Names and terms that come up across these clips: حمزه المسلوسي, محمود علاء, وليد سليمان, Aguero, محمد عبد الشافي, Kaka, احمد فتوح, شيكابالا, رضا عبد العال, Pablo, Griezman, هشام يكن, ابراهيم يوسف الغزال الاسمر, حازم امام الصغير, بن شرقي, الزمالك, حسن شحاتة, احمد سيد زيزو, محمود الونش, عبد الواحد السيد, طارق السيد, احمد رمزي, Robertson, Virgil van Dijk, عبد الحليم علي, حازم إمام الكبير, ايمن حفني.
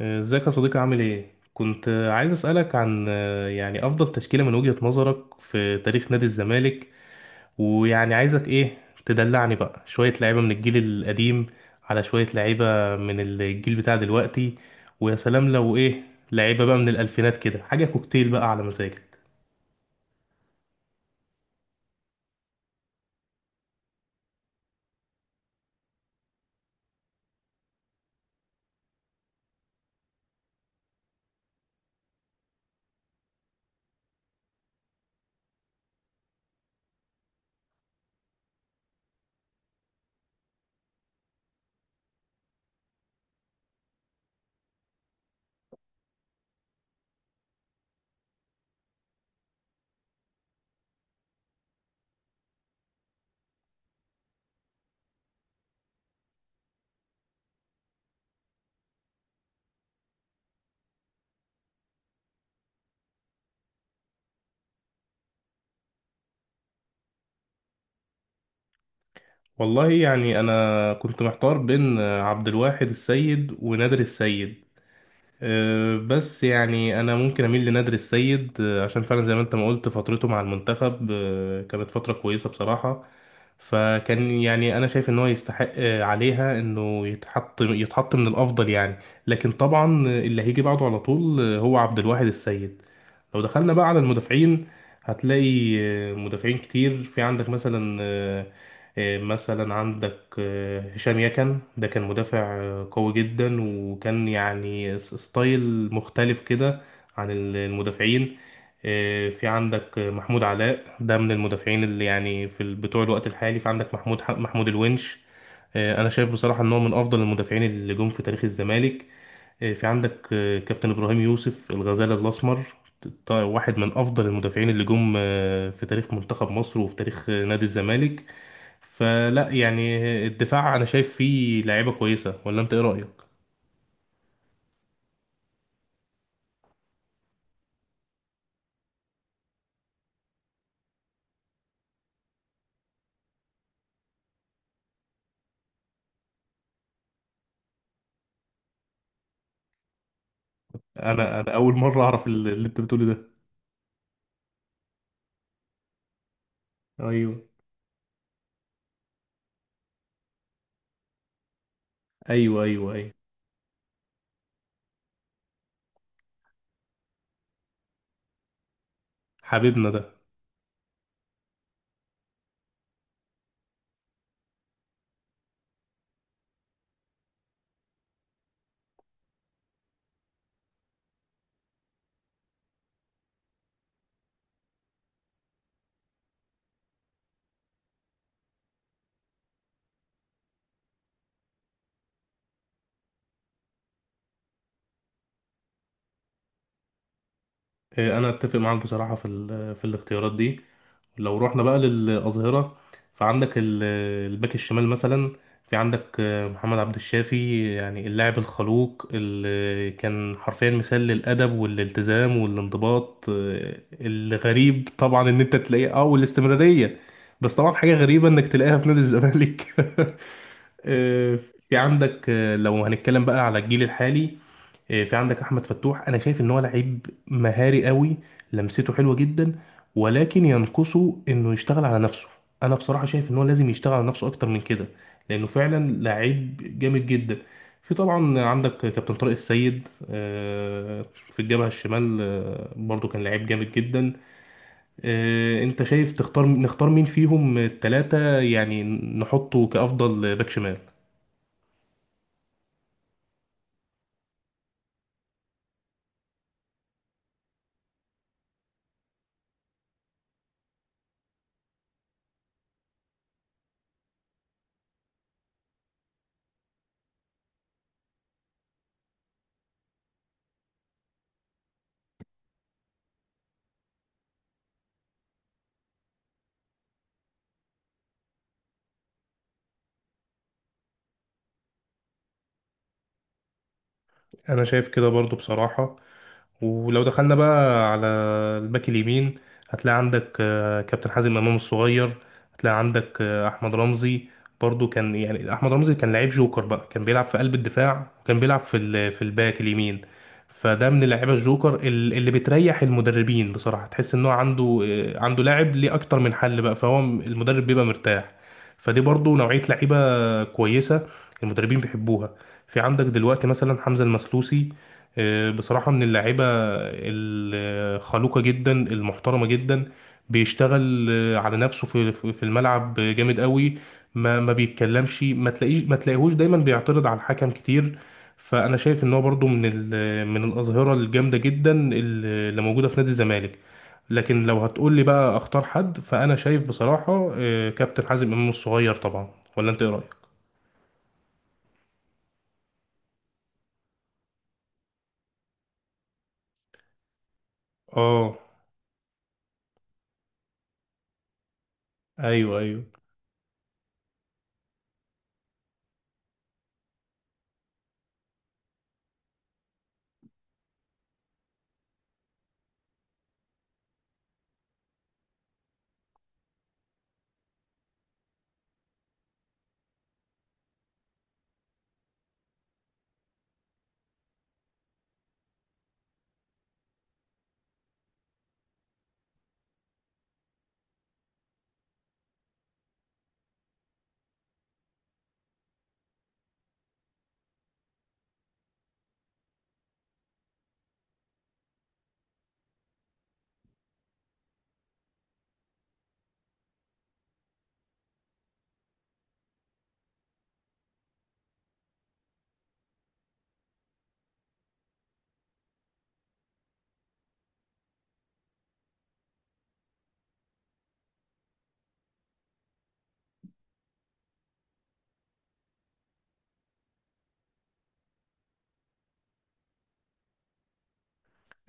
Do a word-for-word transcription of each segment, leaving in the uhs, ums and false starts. ازيك يا صديقي عامل ايه؟ كنت عايز اسألك عن آه، يعني افضل تشكيلة من وجهة نظرك في تاريخ نادي الزمالك. ويعني عايزك ايه، تدلعني بقى شوية لعيبة من الجيل القديم على شوية لعيبة من الجيل بتاع دلوقتي. ويا سلام لو ايه، لعيبة بقى من الالفينات كده، حاجة كوكتيل بقى على مزاجك. والله يعني انا كنت محتار بين آه، عبد الواحد السيد ونادر السيد. أه، بس يعني انا ممكن اميل لنادر السيد، أه، عشان فعلا زي ما انت ما قلت فترته مع المنتخب أه، كانت فترة كويسة بصراحة. فكان يعني انا شايف ان هو يستحق آه، عليها انه يتحط يتحط من الافضل يعني. لكن طبعا اللي هيجي بعده على طول، آه، هو عبد الواحد السيد. لو دخلنا بقى على المدافعين، هتلاقي آه، مدافعين كتير. في عندك مثلا آه، آه، مثلا عندك آه، هشام يكن، ده كان مدافع آه، قوي جدا، وكان يعني س- ستايل مختلف كده عن ال- المدافعين. آه، في عندك محمود علاء، ده من المدافعين اللي يعني في ال- بتوع الوقت الحالي. في عندك محمود ح- محمود الونش، آه، انا شايف بصراحة ان هو من افضل المدافعين اللي جم في تاريخ الزمالك. آه، في عندك آه، كابتن ابراهيم يوسف الغزال الاسمر، ط- واحد من افضل المدافعين اللي جم آه، في تاريخ منتخب مصر وفي تاريخ نادي الزمالك. فلا يعني، آه، الدفاع انا شايف فيه لعيبة كويسة، ولا انت ايه رأيك؟ انا انا اول مرة اعرف اللي اللي انت بتقوله ده. ايوه، ايوه، ايوه، ايوه. حبيبنا ده. آه، انا اتفق معاك بصراحه في ال- في الاختيارات دي. لو رحنا بقى للاظهره، فعندك ال- الباك الشمال مثلا. في عندك آه، محمد عبد الشافي، يعني اللاعب الخلوق اللي كان حرفيا مثال للادب والالتزام والانضباط. آه، الغريب طبعا ان انت تلاقيه اه والاستمراريه، بس طبعا حاجه غريبه انك تلاقيها في نادي الزمالك. في عندك آه، لو هنتكلم بقى على الجيل الحالي، إيه، في عندك احمد فتوح، انا شايف ان هو لعيب مهاري قوي، لمسته حلوه جدا، ولكن ينقصه انه يشتغل على نفسه. انا بصراحه شايف ان هو لازم يشتغل على نفسه اكتر من كده، لانه فعلا لعيب جامد جدا. في طبعا عندك كابتن طارق السيد، آه، في الجبهه الشمال، آه، برضو كان لعيب جامد جدا. آه، انت شايف تختار نختار مين فيهم التلاتة يعني، نحطه كافضل باك شمال؟ انا شايف كده برضو بصراحه. ولو دخلنا بقى على الباك اليمين، هتلاقي عندك آه، كابتن حازم امام الصغير، هتلاقي عندك آه، احمد رمزي. برضو كان يعني احمد رمزي كان لعيب جوكر بقى، كان بيلعب في قلب الدفاع وكان بيلعب في ال- في الباك اليمين. فده من اللعيبه الجوكر ال- اللي بتريح المدربين بصراحه، تحس ان هو عنده آه، عنده لاعب ليه اكتر من حل بقى، فهو م- المدرب بيبقى مرتاح. فدي برضو نوعيه لعيبه كويسه المدربين بيحبوها. في عندك دلوقتي مثلا حمزه المسلوسي، آه، بصراحه من اللعيبه الخلوقة جدا المحترمة جدا. بيشتغل آه، على نفسه في في في الملعب جامد قوي. ما ما بيتكلمش، ما تلاقيش، ما تلاقيهوش دايما بيعترض على الحكم كتير. فانا شايف ان هو برضو من ال- من الاظهرة الجامدة جدا اللي موجودة في نادي الزمالك. لكن لو هتقول لي بقى اختار حد، فانا شايف بصراحة آه، كابتن حازم امام الصغير طبعا. ولا انت ايه رأيك؟ اه، ايوه، ايوه.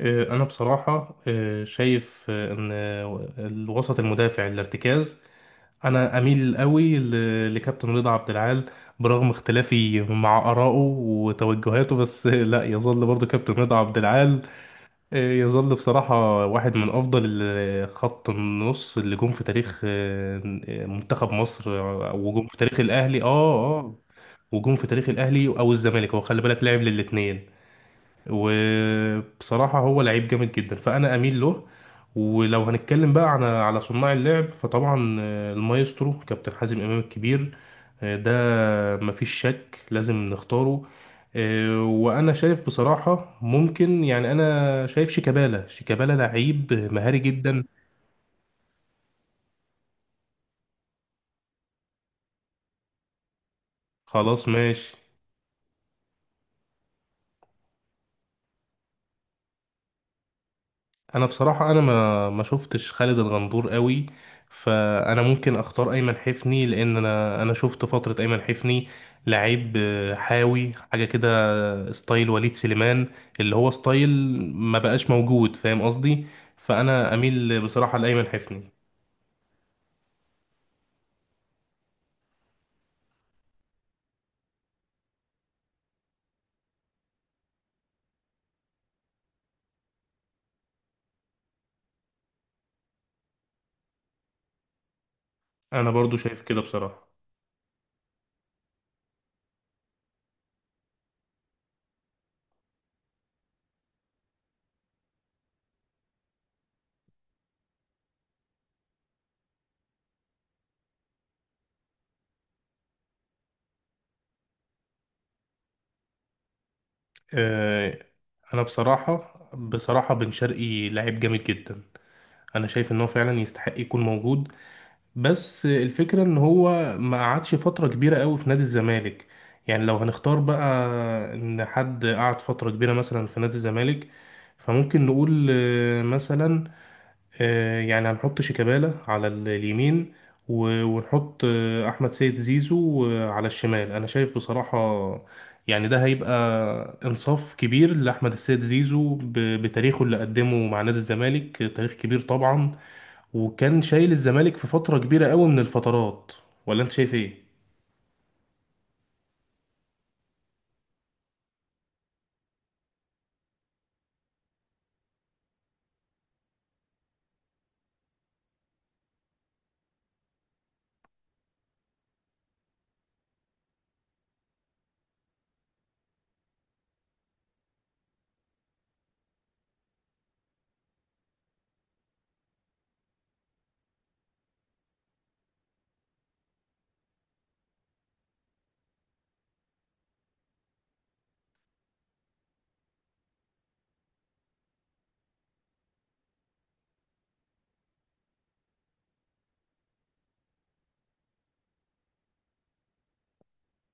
آه، أنا بصراحة آه، شايف آه، إن آه، الوسط المدافع الارتكاز، أنا أميل قوي ل- لكابتن رضا عبد العال، برغم اختلافي مع آرائه وتوجهاته بس آه، لا، يظل برضو كابتن رضا عبد العال. آه، يظل بصراحة واحد من أفضل ال- خط النص اللي جم في تاريخ آه، منتخب مصر، آه، وجم في تاريخ الأهلي آه آه وجم في تاريخ الأهلي أو الزمالك، هو خلي بالك لعب للاتنين. وبصراحة هو لعيب جامد جدا فأنا أميل له. ولو هنتكلم بقى عن على صناع اللعب، فطبعا آه، المايسترو كابتن حازم إمام الكبير، آه، ده مفيش شك لازم نختاره. آه، وأنا شايف بصراحة ممكن يعني أنا شايف شيكابالا شيكابالا لعيب مهاري جدا. خلاص ماشي. انا بصراحه، انا ما ما شفتش خالد الغندور قوي، فانا ممكن اختار ايمن حفني، لان انا انا شفت فتره ايمن حفني لعيب آه، حاوي حاجه كده، آه، ستايل وليد سليمان، اللي هو ستايل ما بقاش موجود، فاهم قصدي؟ فانا اميل بصراحه لايمن حفني. انا برضو شايف كده بصراحه. آه، انا بصراحه بصراحه بن شرقي لعيب جامد جدا. انا شايف ان هو فعلا يستحق يكون موجود، بس الفكرة ان هو ما قعدش فترة كبيرة قوي في نادي الزمالك. يعني لو هنختار بقى ان حد قعد فترة كبيرة مثلا في نادي الزمالك، فممكن نقول آه، مثلا، آه، يعني هنحط شيكابالا على ال- اليمين، و- ونحط آه، احمد سيد زيزو آه، على الشمال. انا شايف بصراحة يعني ده هيبقى انصاف كبير لاحمد السيد زيزو ب- بتاريخه اللي قدمه مع نادي الزمالك، آه، تاريخ كبير طبعا، وكان شايل الزمالك في فترة كبيرة قوي من الفترات. ولا انت شايف ايه؟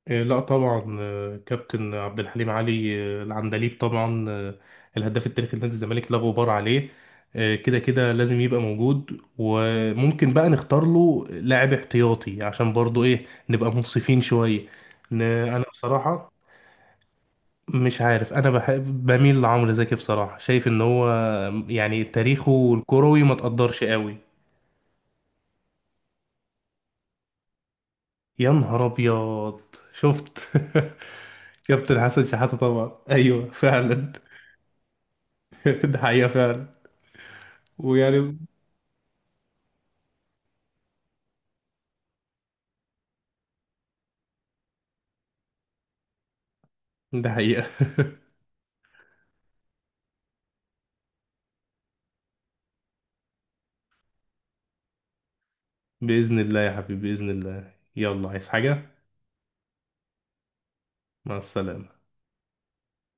آه، لا طبعا، آه، كابتن عبد الحليم علي آه، العندليب طبعا، آه، الهداف التاريخي لنادي الزمالك، لا غبار عليه. آه، كده كده لازم يبقى موجود، وممكن بقى نختار له لاعب احتياطي، عشان برضو ايه نبقى منصفين شوية. ن- انا بصراحة مش عارف، انا بحب بميل لعمرو زكي بصراحة، شايف ان هو يعني تاريخه الكروي ما تقدرش قوي. يا نهار ابيض، شفت؟ كابتن حسن شحاتة طبعا، ايوه فعلا. ده حقيقة فعلا. ويعني ده حقيقة. بإذن الله يا حبيبي، بإذن الله، يلا عايز حاجة؟ مع السلامة.